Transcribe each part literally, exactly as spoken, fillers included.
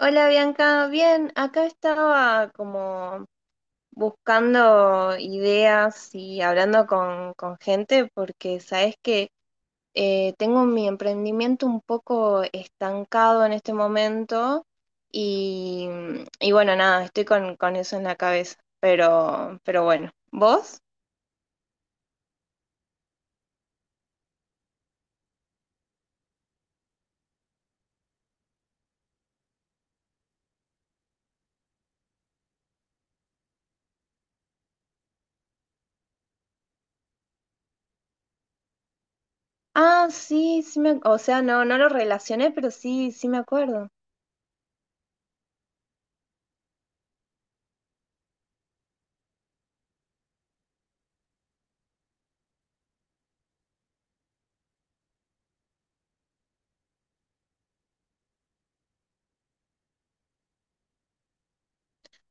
Hola Bianca, bien, acá estaba como buscando ideas y hablando con, con gente porque sabes que eh, tengo mi emprendimiento un poco estancado en este momento y, y bueno, nada, estoy con, con eso en la cabeza, pero, pero bueno, ¿vos? Ah, sí, sí me, o sea, no, no lo relacioné, pero sí, sí me acuerdo.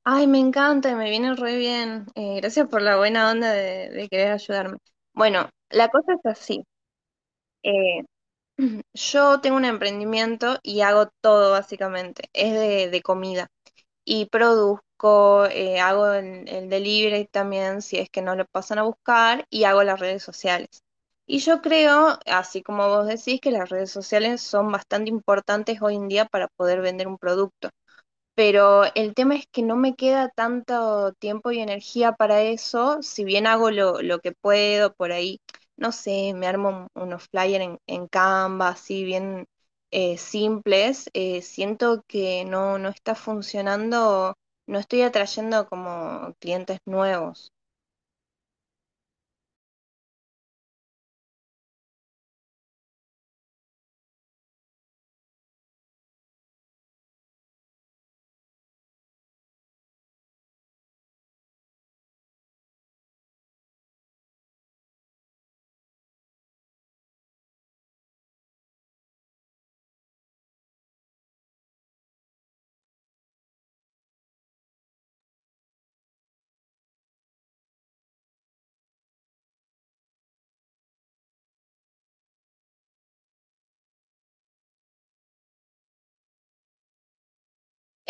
Ay, me encanta y me viene re bien. Eh, gracias por la buena onda de, de querer ayudarme. Bueno, la cosa es así. Eh, yo tengo un emprendimiento y hago todo básicamente. Es de, de comida. Y produzco, eh, hago el, el delivery también si es que no lo pasan a buscar y hago las redes sociales. Y yo creo, así como vos decís, que las redes sociales son bastante importantes hoy en día para poder vender un producto. Pero el tema es que no me queda tanto tiempo y energía para eso, si bien hago lo, lo que puedo por ahí, no sé, me armo un- unos flyers en, en Canva, así bien, eh, simples. Eh, siento que no, no está funcionando, no estoy atrayendo como clientes nuevos.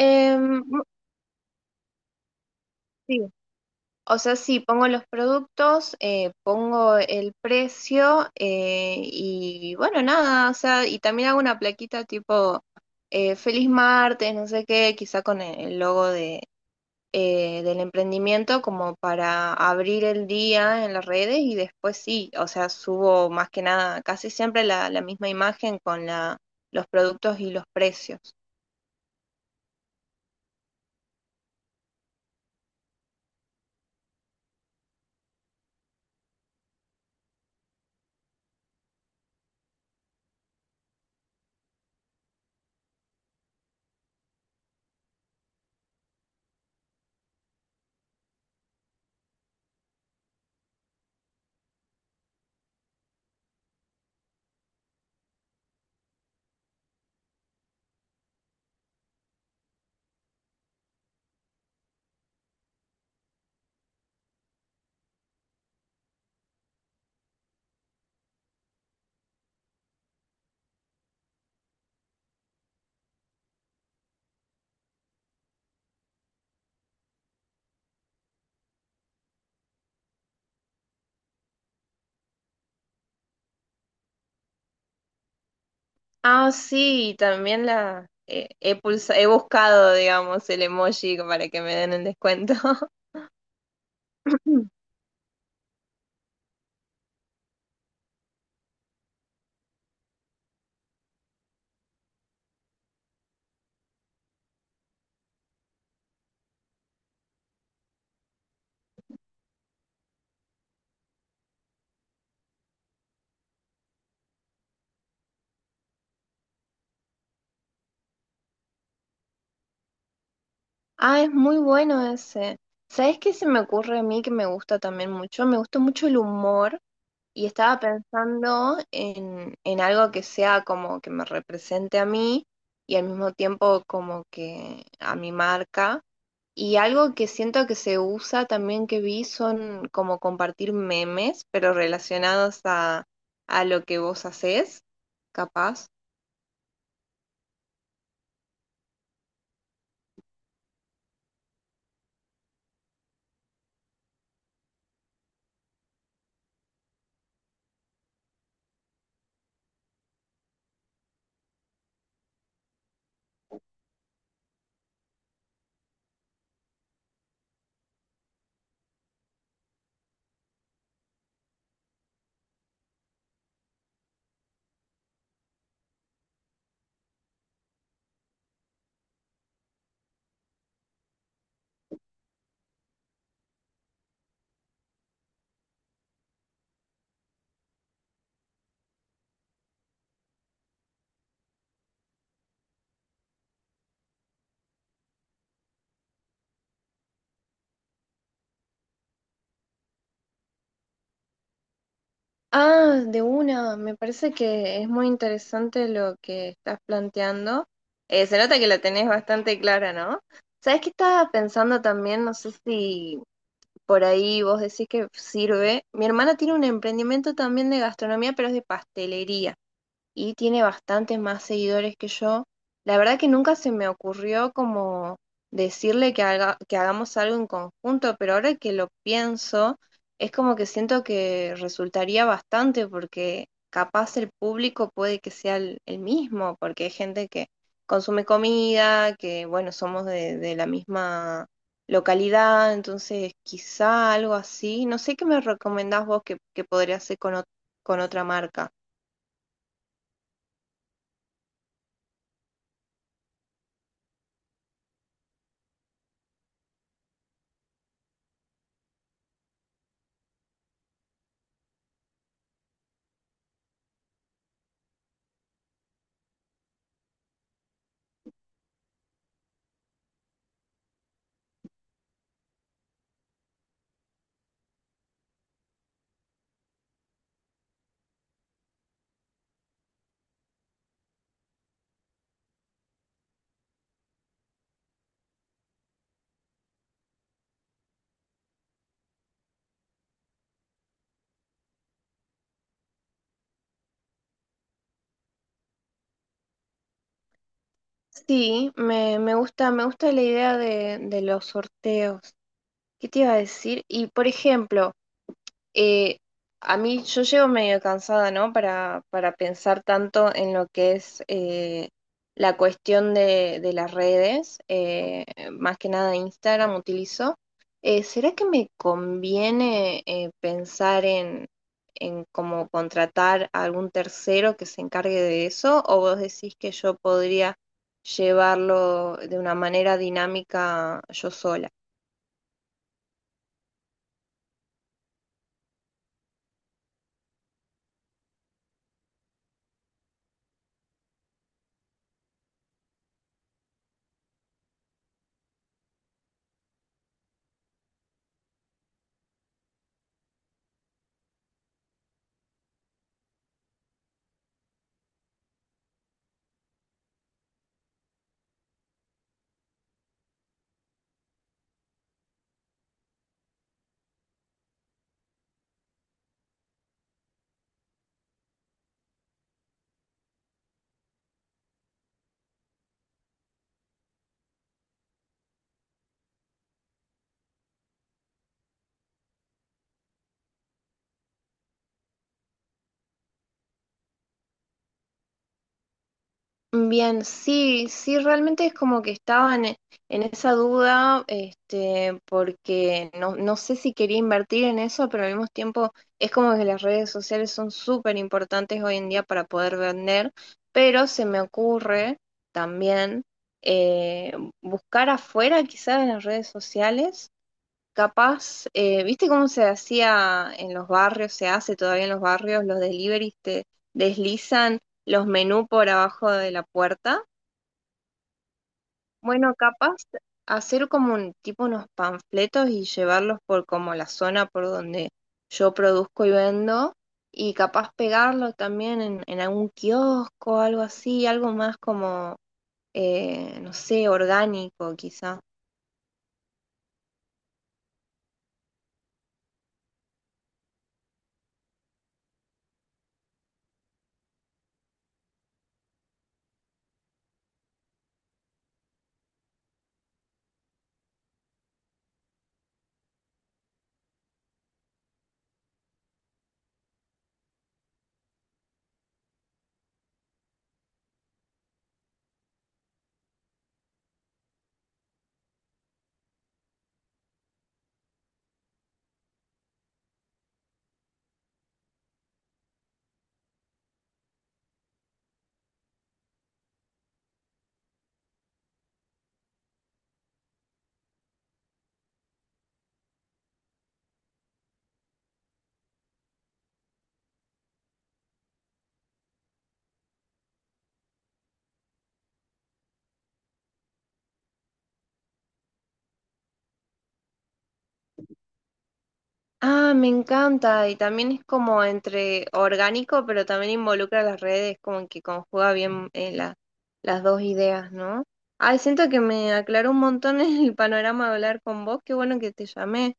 Em, sí. O sea, sí, pongo los productos, eh, pongo el precio, eh, y bueno, nada, o sea, y también hago una plaquita tipo eh, Feliz martes, no sé qué, quizá con el el logo de, eh, del emprendimiento como para abrir el día en las redes y después sí, o sea, subo más que nada, casi siempre la, la misma imagen con la, los productos y los precios. Ah, sí, también la eh, he pulsa- he buscado, digamos, el emoji para que me den el descuento. Ah, es muy bueno ese. ¿Sabes qué se me ocurre a mí que me gusta también mucho? Me gusta mucho el humor y estaba pensando en, en algo que sea como que me represente a mí y al mismo tiempo como que a mi marca. Y algo que siento que se usa también que vi son como compartir memes, pero relacionados a, a lo que vos hacés, capaz. Ah, de una, me parece que es muy interesante lo que estás planteando. Eh, se nota que la tenés bastante clara, ¿no? ¿Sabés qué estaba pensando también? No sé si por ahí vos decís que sirve. Mi hermana tiene un emprendimiento también de gastronomía, pero es de pastelería, y tiene bastantes más seguidores que yo. La verdad que nunca se me ocurrió como decirle que haga- que hagamos algo en conjunto, pero ahora que lo pienso, es como que siento que resultaría bastante porque capaz el público puede que sea el, el mismo, porque hay gente que consume comida, que bueno, somos de, de la misma localidad, entonces quizá algo así. No sé qué me recomendás vos que, que podría hacer con, ot- con otra marca. Sí, me, me gusta, me gusta la idea de, de los sorteos. ¿Qué te iba a decir? Y por ejemplo, eh, a mí yo llego medio cansada, ¿no? Para, para pensar tanto en lo que es, eh, la cuestión de, de las redes. Eh, más que nada Instagram utilizo. Eh, ¿será que me conviene, eh, pensar en, en cómo contratar a algún tercero que se encargue de eso? ¿O vos decís que yo podría llevarlo de una manera dinámica yo sola? Bien, sí, sí, realmente es como que estaba en, en esa duda, este, porque no, no sé si quería invertir en eso, pero al mismo tiempo es como que las redes sociales son súper importantes hoy en día para poder vender, pero se me ocurre también, eh, buscar afuera quizás en las redes sociales. Capaz, eh, ¿viste cómo se hacía en los barrios? Se hace todavía en los barrios, los deliveries te deslizan los menús por abajo de la puerta. Bueno, capaz hacer como un tipo unos panfletos y llevarlos por como la zona por donde yo produzco y vendo. Y capaz pegarlo también en, en algún kiosco, algo así, algo más como, eh, no sé, orgánico quizá. Ah, me encanta. Y también es como entre orgánico, pero también involucra las redes, como que conjuga bien, eh, la- las dos ideas, ¿no? Ay, siento que me aclaró un montón el panorama de hablar con vos. Qué bueno que te llamé.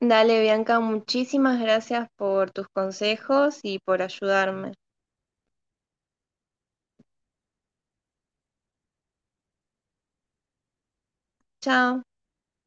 Dale, Bianca, muchísimas gracias por tus consejos y por ayudarme. Chao.